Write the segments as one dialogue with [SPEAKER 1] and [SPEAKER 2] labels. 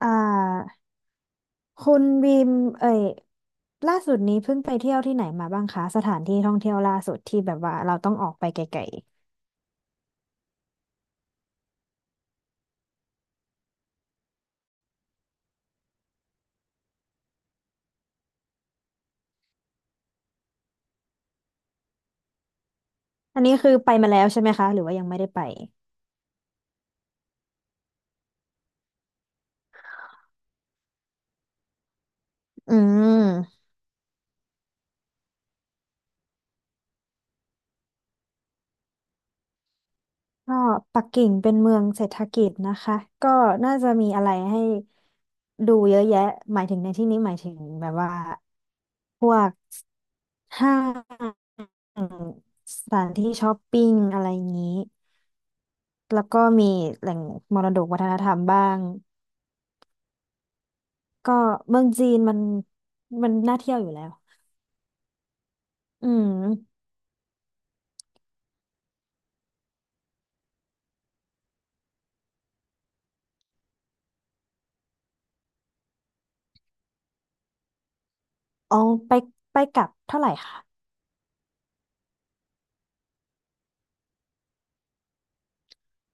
[SPEAKER 1] อ่าคุณบีมเอ่ยล่าสุดนี้เพิ่งไปเที่ยวที่ไหนมาบ้างคะสถานที่ท่องเที่ยวล่าสุดที่แบบว่าเราต้องออกไปไกลๆอันนี้คือไปมาแล้วใช่ไหมคะหรือว่ายังไม่ได้ไปอืมก็ปักกิ่งเป็นเมืองเศรษฐกิจนะคะก็น่าจะมีอะไรให้ดูเยอะแยะหมายถึงในที่นี้หมายถึงแบบว่าพวกห้างสถานที่ช้อปปิ้งอะไรอย่างนี้แล้วก็มีแหล่งมรดกวัฒนธรรมบ้าง ก็เมืองจีนมันน่าเที่ยวอยู่แล้ว อืมอ๋อไปกลับเท่าไหร่คะ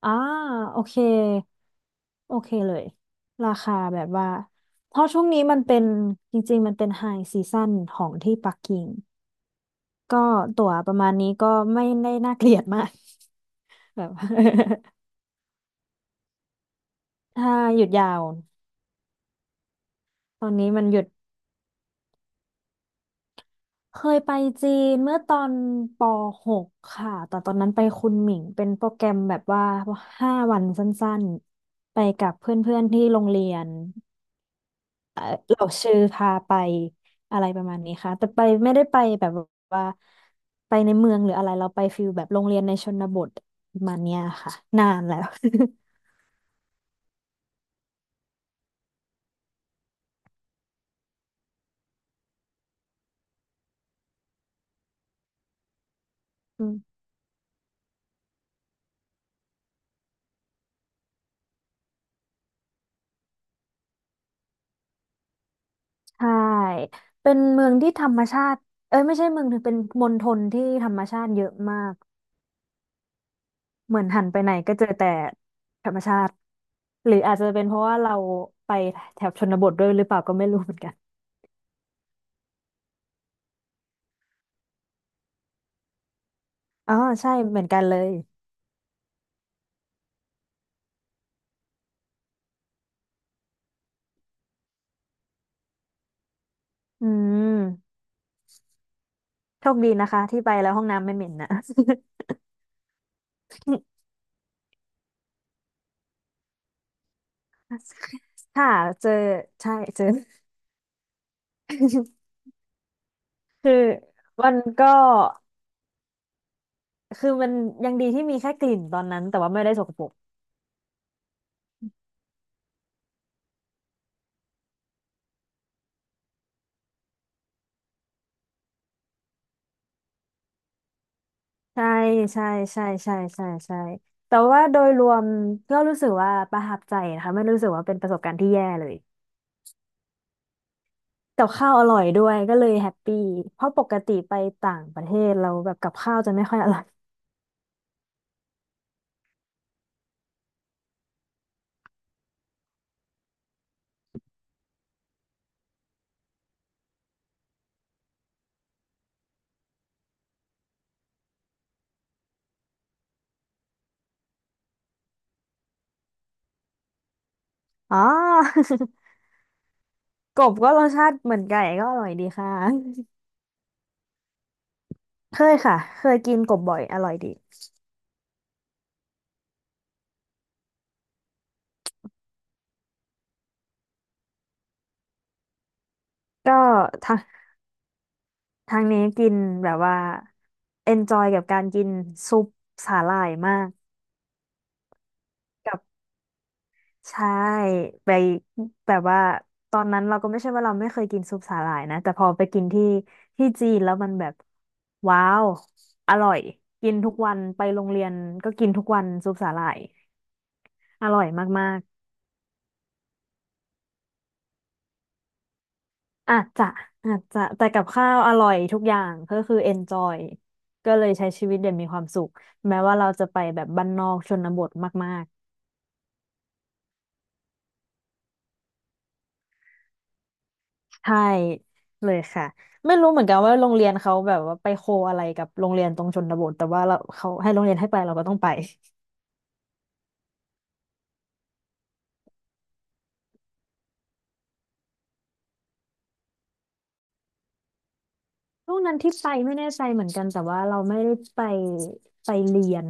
[SPEAKER 1] อ่าโอเค โอเคเลย ราคาแบบว่า เพราะช่วงนี้มันเป็นจริงๆมันเป็นไฮซีซั่นของที่ปักกิ่งก็ตั๋วประมาณนี้ก็ไม่ได้น่าเกลียดมากแบบ ถ้าหยุดยาวตอนนี้มันหยุด เคยไปจีนเมื่อตอนปหกค่ะแต่ตอนนั้นไปคุนหมิงเป็นโปรแกรมแบบว่าห้าวันสั้นๆไปกับเพื่อนๆที่โรงเรียนเอ่อเราชื่อพาไปอะไรประมาณนี้ค่ะแต่ไปไม่ได้ไปแบบว่าไปในเมืองหรืออะไรเราไปฟิลแบบโรงเรียนในชนบทประมาณเนี้ยค่ะนานแล้ว อืมใช่เป็นเมืองที่ธรรมชาติเอ้ยไม่ใช่เมืองถึงเป็นมณฑลที่ธรรมชาติเยอะมาก เหมือนหันไปไหนก็เจอแต่ธรรมชาติหรืออาจจะเป็นเพราะว่าเราไปแถบชนบทด้วยหรือเปล่าก็ไม่รู้เหมือนกัน อ๋อใช่เหมือนกันเลยอืมโชคดีนะคะที่ไปแล้วห้องน้ำไม่เหม็นนะ ค่ะเจอใช่เจอ คือมันก็คือมันยังดีที่มีแค่กลิ่นตอนนั้นแต่ว่าไม่ได้สกปรกใช่ใช่ใช่ใช่ใช่ใช่แต่ว่าโดยรวมก็รู้สึกว่าประทับใจนะคะไม่รู้สึกว่าเป็นประสบการณ์ที่แย่เลย กับข้าวอร่อยด้วยก็เลยแฮปปี้เพราะปกติไปต่างประเทศเราแบบกับข้าวจะไม่ค่อยอร่อย อ๋อ กบก็รสชาติเหมือนไก่ก็อร่อยดีค่ะ เคยค่ะเคยกินกบบ่อยอร่อยดีก็ทางนี้กินแบบว่า enjoy กับการกินซุปสาหร่ายมาก ใช่ไปแบบว่าตอนนั้นเราก็ไม่ใช่ว่าเราไม่เคยกินซุปสาหร่ายนะแต่พอไปกินที่จีนแล้วมันแบบว้าวอร่อยกินทุกวันไปโรงเรียนก็กินทุกวันซุปสาหร่ายอร่อยมากๆอาจจะแต่กับข้าวอร่อยทุกอย่างก็คือ enjoy ก็เลยใช้ชีวิตอย่างมีความสุขแม้ว่าเราจะไปแบบบ้านนอกชนบทมาก ใช่เลยค่ะไม่รู้เหมือนกันว่าโรงเรียนเขาแบบว่าไปโคอะไรกับโรงเรียนตรงชนบทแต่ว่าเราเขาให้โรงเรียนให้ไปเราก็ต้องไป ช่วงนั้นที่ไปไม่แน่ใจเหมือนกันแต่ว่าเราไม่ได้ไปเรียน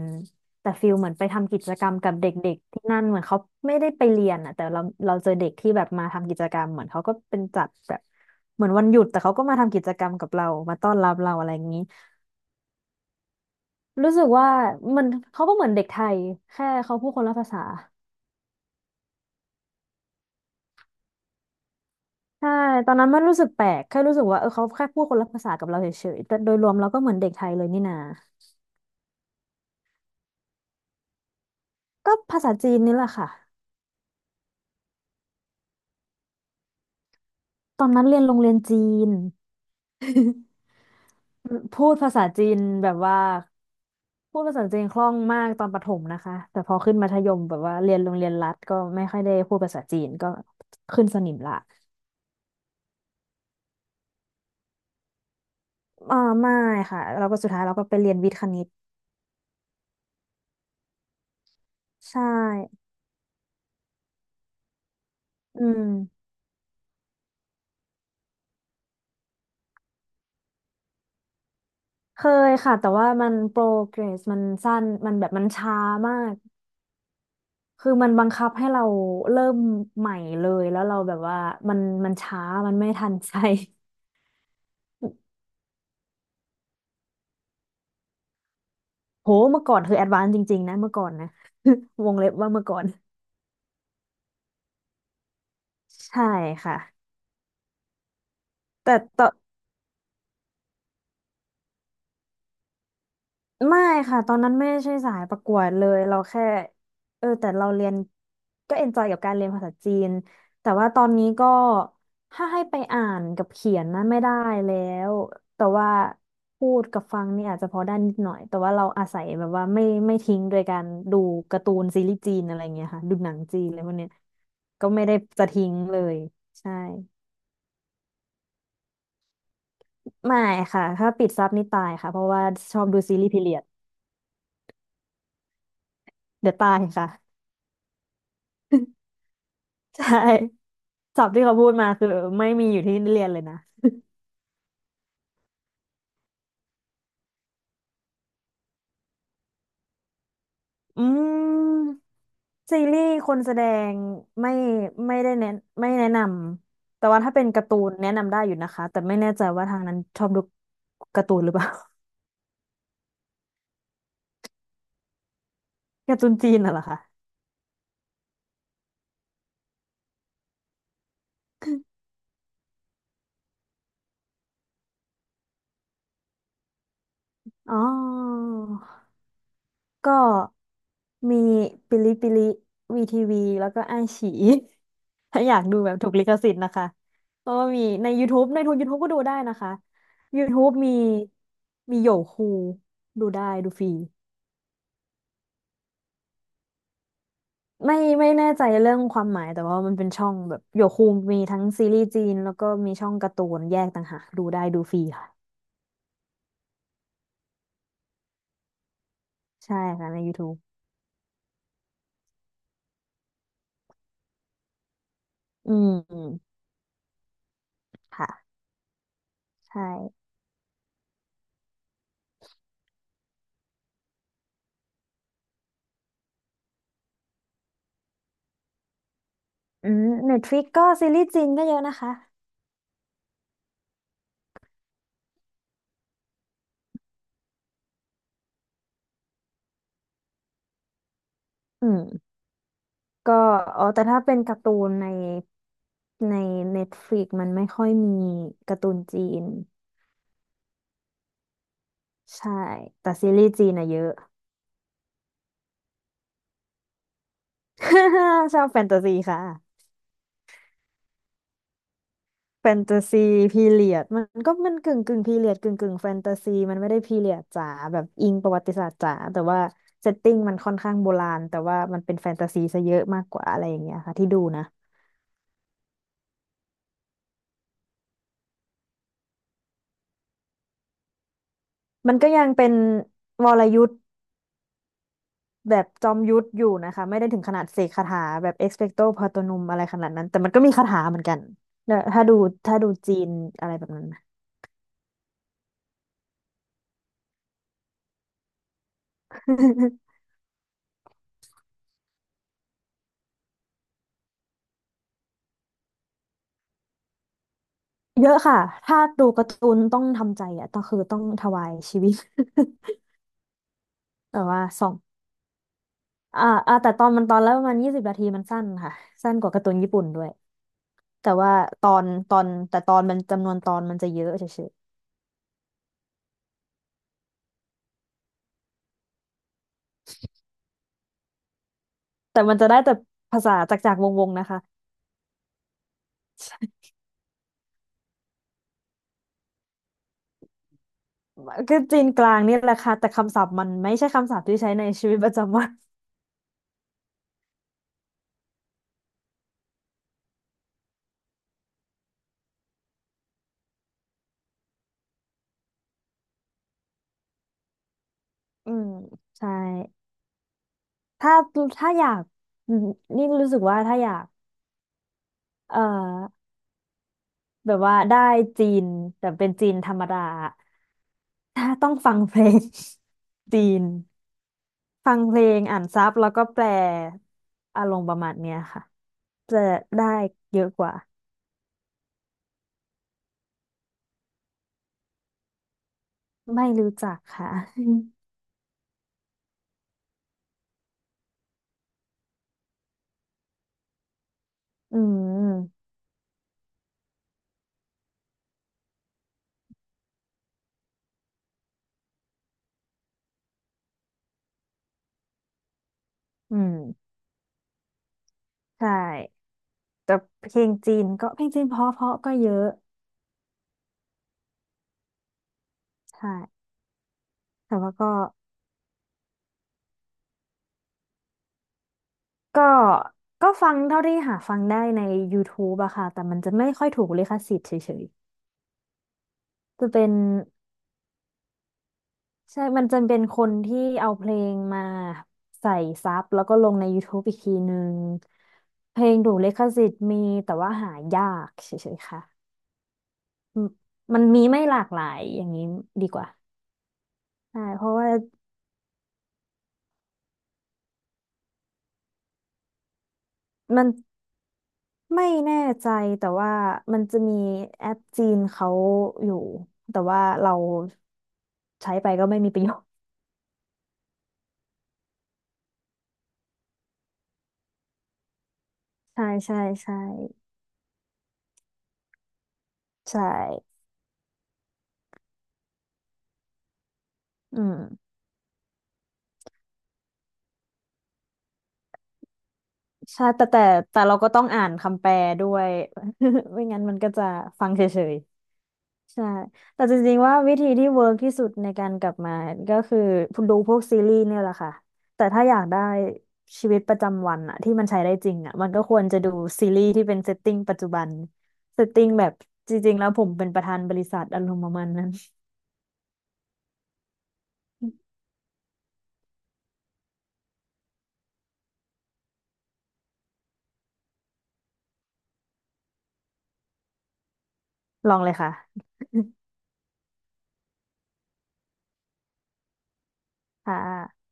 [SPEAKER 1] แต่ฟิลเหมือนไปทำกิจกรรมกับเด็กๆที่นั่นเหมือนเขาไม่ได้ไปเรียนอ่ะแต่เราเจอเด็กที่แบบมาทำกิจกรรมเหมือนเขาก็เป็นจัดแบบเหมือนวันหยุดแต่เขาก็มาทำกิจกรรมกับเรามาต้อนรับเราอะไรอย่างนี้รู้สึกว่ามันเขาก็เหมือนเด็กไทยแค่เขาพูดคนละภาษา ใช่ตอนนั้นมันรู้สึกแปลกแค่รู้สึกว่าเออเขาแค่พูดคนละภาษากับเราเฉยๆแต่โดยรวมเราก็เหมือนเด็กไทยเลยนี่นาก็ภาษาจีนนี่แหละค่ะตอนนั้นเรียนโรงเรียนจีนพูดภาษาจีนแบบว่าพูดภาษาจีนคล่องมากตอนประถมนะคะแต่พอขึ้นมัธยมแบบว่าเรียนโรงเรียนรัฐก็ไม่ค่อยได้พูดภาษาจีนก็ขึ้นสนิมละอ่าไม่ค่ะเราก็สุดท้ายเราก็ไปเรียนวิทย์คณิตใช่อืมเคยค่ะแต่ว่ามันโปรเกรสมันสั้นมันแบบมันช้ามาก คือมันบังคับให้เราเริ่มใหม่เลยแล้วเราแบบว่ามันช้ามันไม่ทันใจ โหเมื่อก่อนคือแอดวานซ์จริงๆนะเมื่อก่อนนะ วงเล็บว่าเมื่อก่อนใช่ค่ะแต่ต่อ ไม่ค่ะตอนนั้นไม่ใช่สายประกวดเลยเราแค่เออแต่เราเรียนก็เอนจอยกับการเรียนภาษาจีนแต่ว่าตอนนี้ก็ถ้าให้ไปอ่านกับเขียนนะไม่ได้แล้วแต่ว่าพูดกับฟังนี่อาจจะพอได้นิดหน่อยแต่ว่าเราอาศัยแบบว่าไม่ทิ้งโดยการดูการ์ตูนซีรีส์จีนอะไรเงี้ยค่ะดูหนังจีนอะไรพวกเนี้ยก็ไม่ได้จะทิ้งเลยใช่ไม่ค่ะถ้าปิดซับนี่ตายค่ะเพราะว่าชอบดูซีรีส์พีเรียดเดี๋ยวตายค่ะ ใช่ ศัพท์ที่เขาพูดมาคือไม่มีอยู่ที่เรียนเลยนะอืมซีรีส์คนแสดงไม่ไม่ได้แนะไม่แนะนำแต่ว่าถ้าเป็นการ์ตูนแนะนำได้อยู่นะคะแต่ไม่แน่ใจว่าทางนั้นชอบดูการ์ตูนหรือเปล่า การ์ตูนจีนน่ะเหรอคะอ๋อก็มีปิลิปิลิวีทีวีแล้วก็ไอฉี ถ้าอยากดูแบบถูกลิขสิทธิ์นะคะเพราะว่ามีใน YouTube ในทุน YouTube ก็ดูได้นะคะ YouTube มีมีโยคูดูได้ดูฟรีไม่ไม่แน่ใจเรื่องความหมายแต่ว่ามันเป็นช่องแบบโยคูมีทั้งซีรีส์จีนแล้วก็มีช่องการ์ตูนแยกต่างหากดูได้ดูฟรีค่ะใช่ค่ะใน YouTube อืมค่ะใช่อืม Netflix ก็ซีรีส์จีนก็เยอะนะคะอืม ก็อ๋อแต่ถ้าเป็นการ์ตูนใน Netflix มันไม่ค่อยมีการ์ตูนจีนใช่แต่ซีรีส์จีนอะเยอะ ชอบแฟนตาซีค่ะแฟนตาซีพีเรียดมันก็มันกึ่งพีเรียดกึ่งแฟนตาซีมันไม่ได้พีเรียดจ๋าแบบอิงประวัติศาสตร์จ๋าแต่ว่าเซตติ้งมันค่อนข้างโบราณแต่ว่ามันเป็นแฟนตาซีซะเยอะมากกว่าอะไรอย่างเงี้ยค่ะที่ดูนะมันก็ยังเป็นวรยุทธ แบบจอมยุทธอยู่นะคะไม่ได้ถึงขนาดเสกคาถาแบบเอ็กซ์เพคโตปาโตนุมอะไรขนาดนั้นแต่มันก็มีคาถาเหมือนกันเนี่ยถ้าดูจีนอะไรแบบนั้นนะ เยอะค่ะถ้าดูการ์ตูนต้องทำใจอ่ะต้องคือต้องถวายชีวิต แต่ว่าสองอ่าอ่าแต่ตอนมันตอนแล้วประมาณ20 นาทีมันสั้นค่ะสั้นกว่าการ์ตูนญี่ปุ่นด้วยแต่ว่าตอนมันจำนวนตอนมันจะเยอะเฉยๆแต่มันจะได้แต่ภาษาจากวงๆนะคะ ก็จีนกลางเนี่ยแหละค่ะแต่คำศัพท์มันไม่ใช่คำศัพท์ที่ใช้ในชีวิตประจำวันอืมใช่ถ้าถ้าอยากอืมนี่รู้สึกว่าถ้าอยากเอ่อแบบว่าได้จีนแต่เป็นจีนธรรมดาถ้าต้องฟังเพลง จีนฟังเพลงอ่านซับแล้วก็แปลอารมณ์ประมาณเนี้ยค่ะจะได้เยอะกว่าไม่รู้จักค่ะ อืมอืมใช่แต่เพลงจีนก็เพลงจีนเพราะๆก็เยอะ ใช่แต่ว่าก็ก็ก็ฟังเท่าที่หาฟังได้ใน YouTube อะค่ะแต่มันจะไม่ค่อยถูกลิขสิทธิ์เฉยๆจะเป็นใช่มันจะเป็นคนที่เอาเพลงมาใส่ซับแล้วก็ลงใน YouTube อีกทีนึงเพลงถูกลิขสิทธิ์มีแต่ว่าหายากเฉยๆค่ะมมันมีไม่หลากหลายอย่างนี้ดีกว่าใช่เพราะว่ามัน ไม่แน่ใจแต่ว่ามันจะมีแอปจีนเขาอยู่แต่ว่าเราใช้ไปก็ไม่มีประโยชน์ ใช่ใช่ใช่ใช่อืมใช่แต่เราก็ต้องอ่านคำแปลด้วย ไม่งั้นมันก็จะฟังเฉย ใช่แต่จริงๆว่าวิธีที่เวิร์กที่สุดในการกลับมาก็คือดูพวกซีรีส์เนี่ยแหละค่ะ แต่ถ้าอยากได้ชีวิตประจำวันอะที่มันใช้ได้จริงอะมันก็ควรจะดูซีรีส์ที่เป็นเซตติ้งปัจจุบัน เซตติ้งแบบจริงๆแล้วผมเป็นประธานบริษัทอารมณ์ประมาณนั้น ลองเลยค่ะ ค่ะ